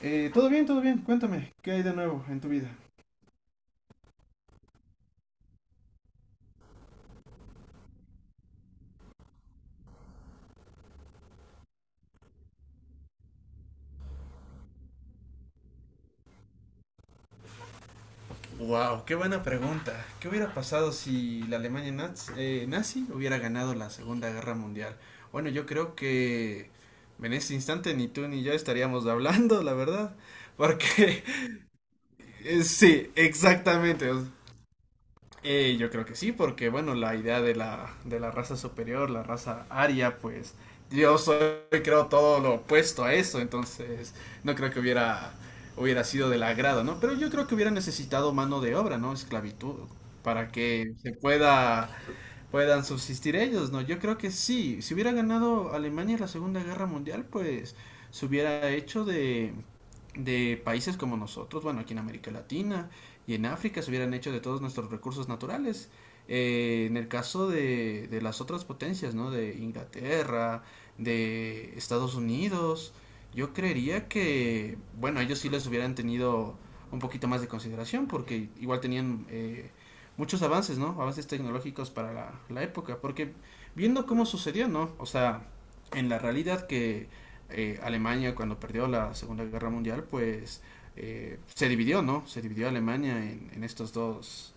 Todo bien, todo bien. Cuéntame, ¿qué hay de nuevo en tu vida? Wow, qué buena pregunta. ¿Qué hubiera pasado si la Alemania nazi hubiera ganado la Segunda Guerra Mundial? Bueno, yo creo que en este instante ni tú ni yo estaríamos hablando, la verdad. Porque sí, exactamente. Yo creo que sí, porque bueno, la idea de la raza superior, la raza aria, pues yo soy, creo, todo lo opuesto a eso, entonces no creo que hubiera sido del agrado, ¿no? Pero yo creo que hubiera necesitado mano de obra, ¿no? Esclavitud, para que se pueda puedan subsistir ellos, ¿no? Yo creo que sí, si hubiera ganado Alemania la Segunda Guerra Mundial, pues se hubiera hecho de países como nosotros, bueno, aquí en América Latina y en África se hubieran hecho de todos nuestros recursos naturales. En el caso de las otras potencias, ¿no? De Inglaterra, de Estados Unidos, yo creería que, bueno, ellos sí les hubieran tenido un poquito más de consideración porque igual tenían muchos avances, ¿no? Avances tecnológicos para la época, porque viendo cómo sucedió, ¿no? O sea, en la realidad que Alemania cuando perdió la Segunda Guerra Mundial, pues se dividió, ¿no? Se dividió Alemania en estos dos,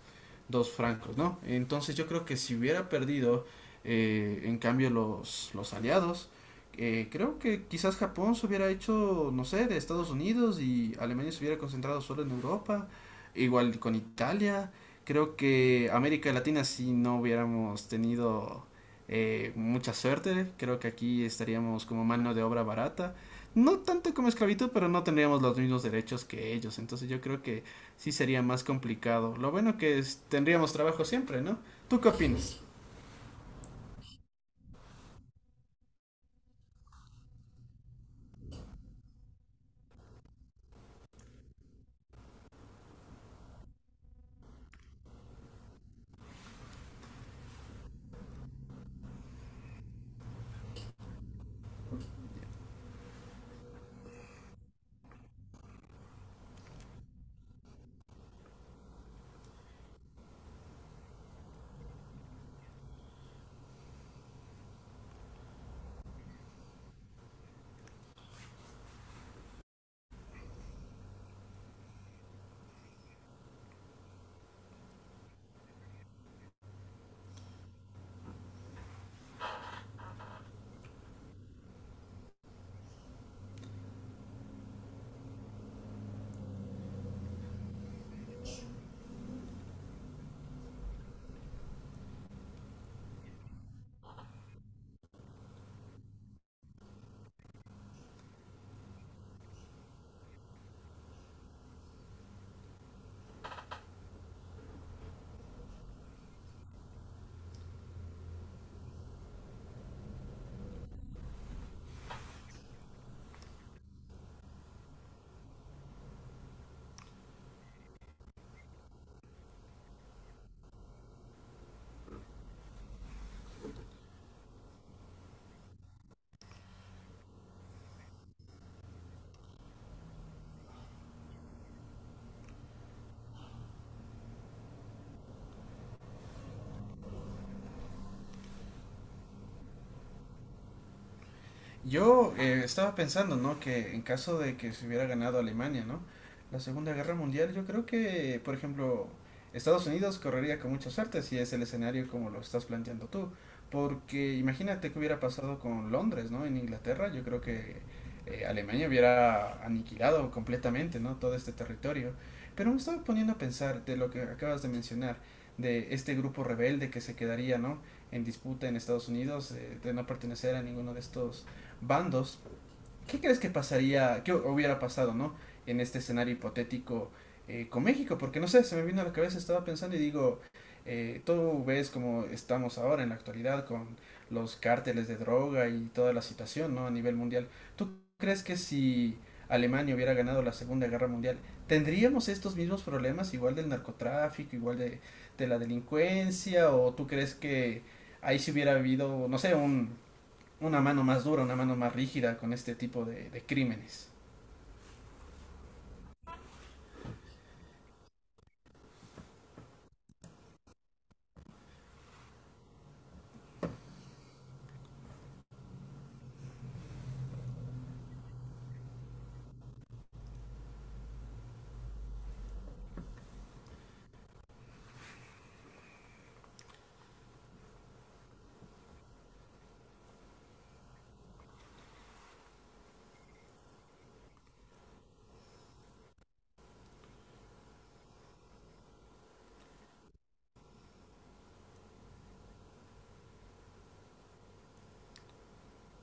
dos francos, ¿no? Entonces yo creo que si hubiera perdido, en cambio, los aliados, creo que quizás Japón se hubiera hecho, no sé, de Estados Unidos y Alemania se hubiera concentrado solo en Europa, igual con Italia. Creo que América Latina si no hubiéramos tenido mucha suerte, creo que aquí estaríamos como mano de obra barata. No tanto como esclavitud, pero no tendríamos los mismos derechos que ellos. Entonces yo creo que sí sería más complicado. Lo bueno que tendríamos trabajo siempre, ¿no? ¿Tú qué opinas? Yo estaba pensando, ¿no? Que en caso de que se hubiera ganado Alemania, ¿no? La Segunda Guerra Mundial, yo creo que, por ejemplo, Estados Unidos correría con mucha suerte si es el escenario como lo estás planteando tú. Porque imagínate qué hubiera pasado con Londres, ¿no? En Inglaterra, yo creo que Alemania hubiera aniquilado completamente, ¿no? Todo este territorio. Pero me estaba poniendo a pensar de lo que acabas de mencionar, de este grupo rebelde que se quedaría, ¿no? En disputa en Estados Unidos, de no pertenecer a ninguno de estos bandos, ¿qué crees que pasaría, qué hubiera pasado, no? En este escenario hipotético con México, porque no sé, se me vino a la cabeza, estaba pensando y digo, tú ves como estamos ahora en la actualidad con los cárteles de droga y toda la situación, ¿no? A nivel mundial. ¿Tú crees que si Alemania hubiera ganado la Segunda Guerra Mundial, tendríamos estos mismos problemas igual del narcotráfico, igual de la delincuencia? ¿O tú crees que ahí si hubiera habido, no sé, una mano más dura, una mano más rígida con este tipo de crímenes?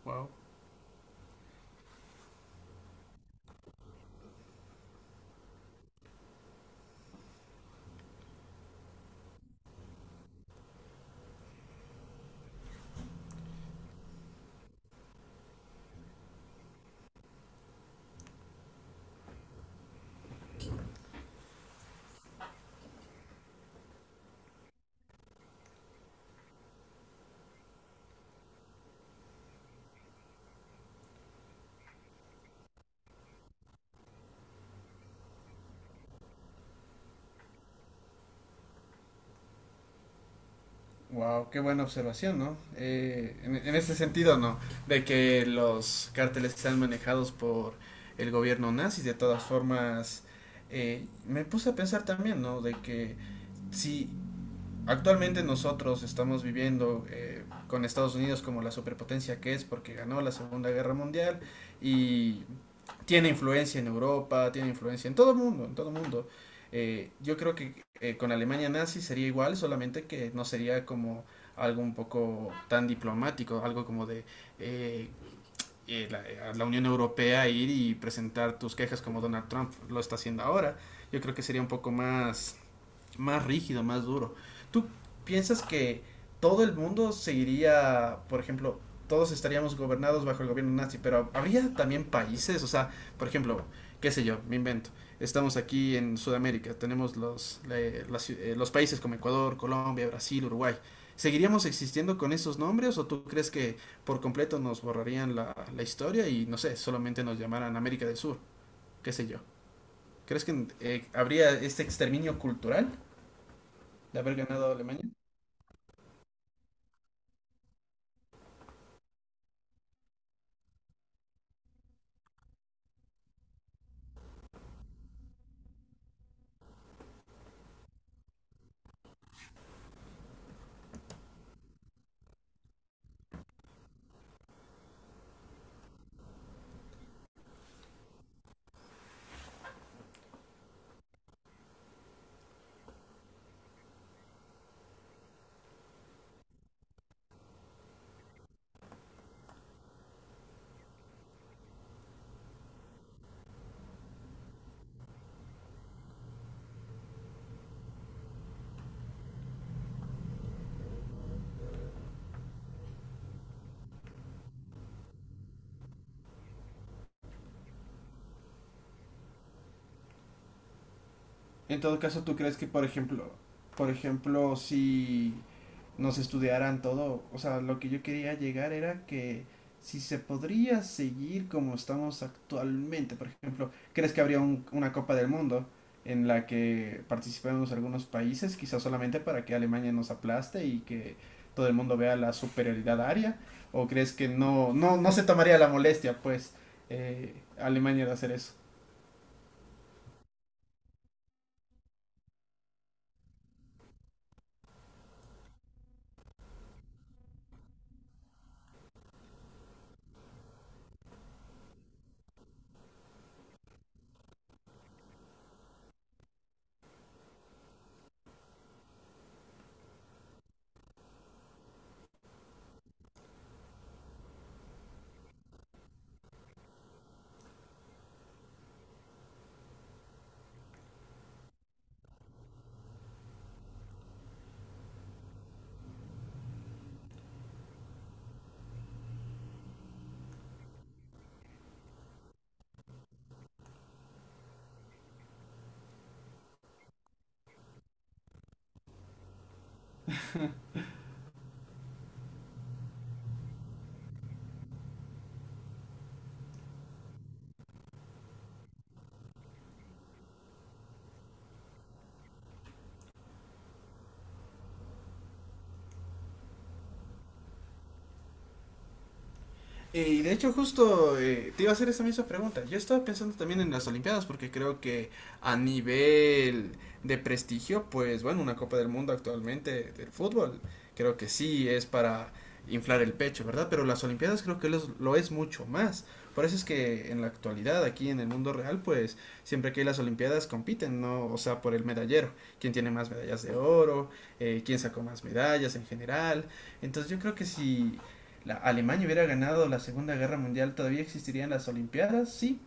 Wow. Wow, qué buena observación, ¿no? En ese sentido, ¿no? De que los cárteles están manejados por el gobierno nazi, de todas formas, me puse a pensar también, ¿no? De que si actualmente nosotros estamos viviendo con Estados Unidos como la superpotencia que es porque ganó la Segunda Guerra Mundial y tiene influencia en Europa, tiene influencia en todo el mundo, en todo el mundo. Yo creo que con Alemania nazi sería igual, solamente que no sería como algo un poco tan diplomático, algo como de eh, la Unión Europea ir y presentar tus quejas como Donald Trump lo está haciendo ahora. Yo creo que sería un poco más rígido, más duro. ¿Tú piensas que todo el mundo seguiría, por ejemplo, todos estaríamos gobernados bajo el gobierno nazi, pero habría también países, o sea, por ejemplo, qué sé yo, me invento. Estamos aquí en Sudamérica, tenemos los países como Ecuador, Colombia, Brasil, Uruguay. ¿Seguiríamos existiendo con esos nombres o tú crees que por completo nos borrarían la historia y no sé, solamente nos llamaran América del Sur? ¿Qué sé yo? ¿Crees que habría este exterminio cultural de haber ganado Alemania? En todo caso, ¿tú crees que, por ejemplo, si nos estudiaran todo, o sea, lo que yo quería llegar era que si se podría seguir como estamos actualmente, por ejemplo, crees que habría una Copa del Mundo en la que participemos algunos países, quizás solamente para que Alemania nos aplaste y que todo el mundo vea la superioridad aria? ¿O crees que no, no, no se tomaría la molestia, pues, Alemania de hacer eso? Y de hecho justo te iba a hacer esa misma pregunta. Yo estaba pensando también en las Olimpiadas porque creo que a nivel de prestigio, pues bueno, una Copa del Mundo actualmente del fútbol, creo que sí es para inflar el pecho, ¿verdad? Pero las Olimpiadas creo que lo es mucho más. Por eso es que en la actualidad, aquí en el mundo real, pues siempre que hay las Olimpiadas compiten, ¿no? O sea, por el medallero, quién tiene más medallas de oro, quién sacó más medallas en general. Entonces yo creo que si la Alemania hubiera ganado la Segunda Guerra Mundial, ¿todavía existirían las Olimpiadas? Sí,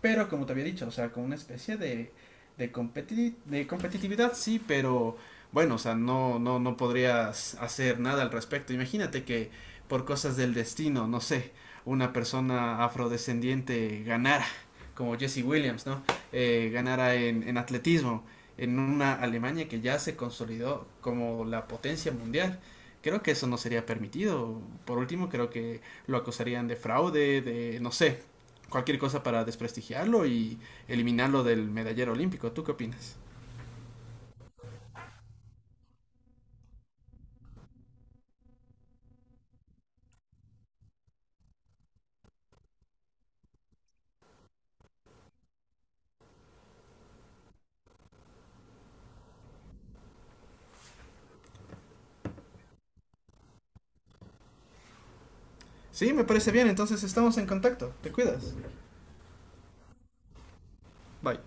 pero como te había dicho, o sea, con una especie de competitividad, sí, pero bueno, o sea, no, no, no podrías hacer nada al respecto. Imagínate que por cosas del destino, no sé, una persona afrodescendiente ganara, como Jesse Williams, ¿no? Ganara en atletismo, en una Alemania que ya se consolidó como la potencia mundial, creo que eso no sería permitido. Por último, creo que lo acusarían de fraude, de, no sé, cualquier cosa para desprestigiarlo y eliminarlo del medallero olímpico. ¿Tú qué opinas? Sí, me parece bien, entonces estamos en contacto. Te cuidas. Bye.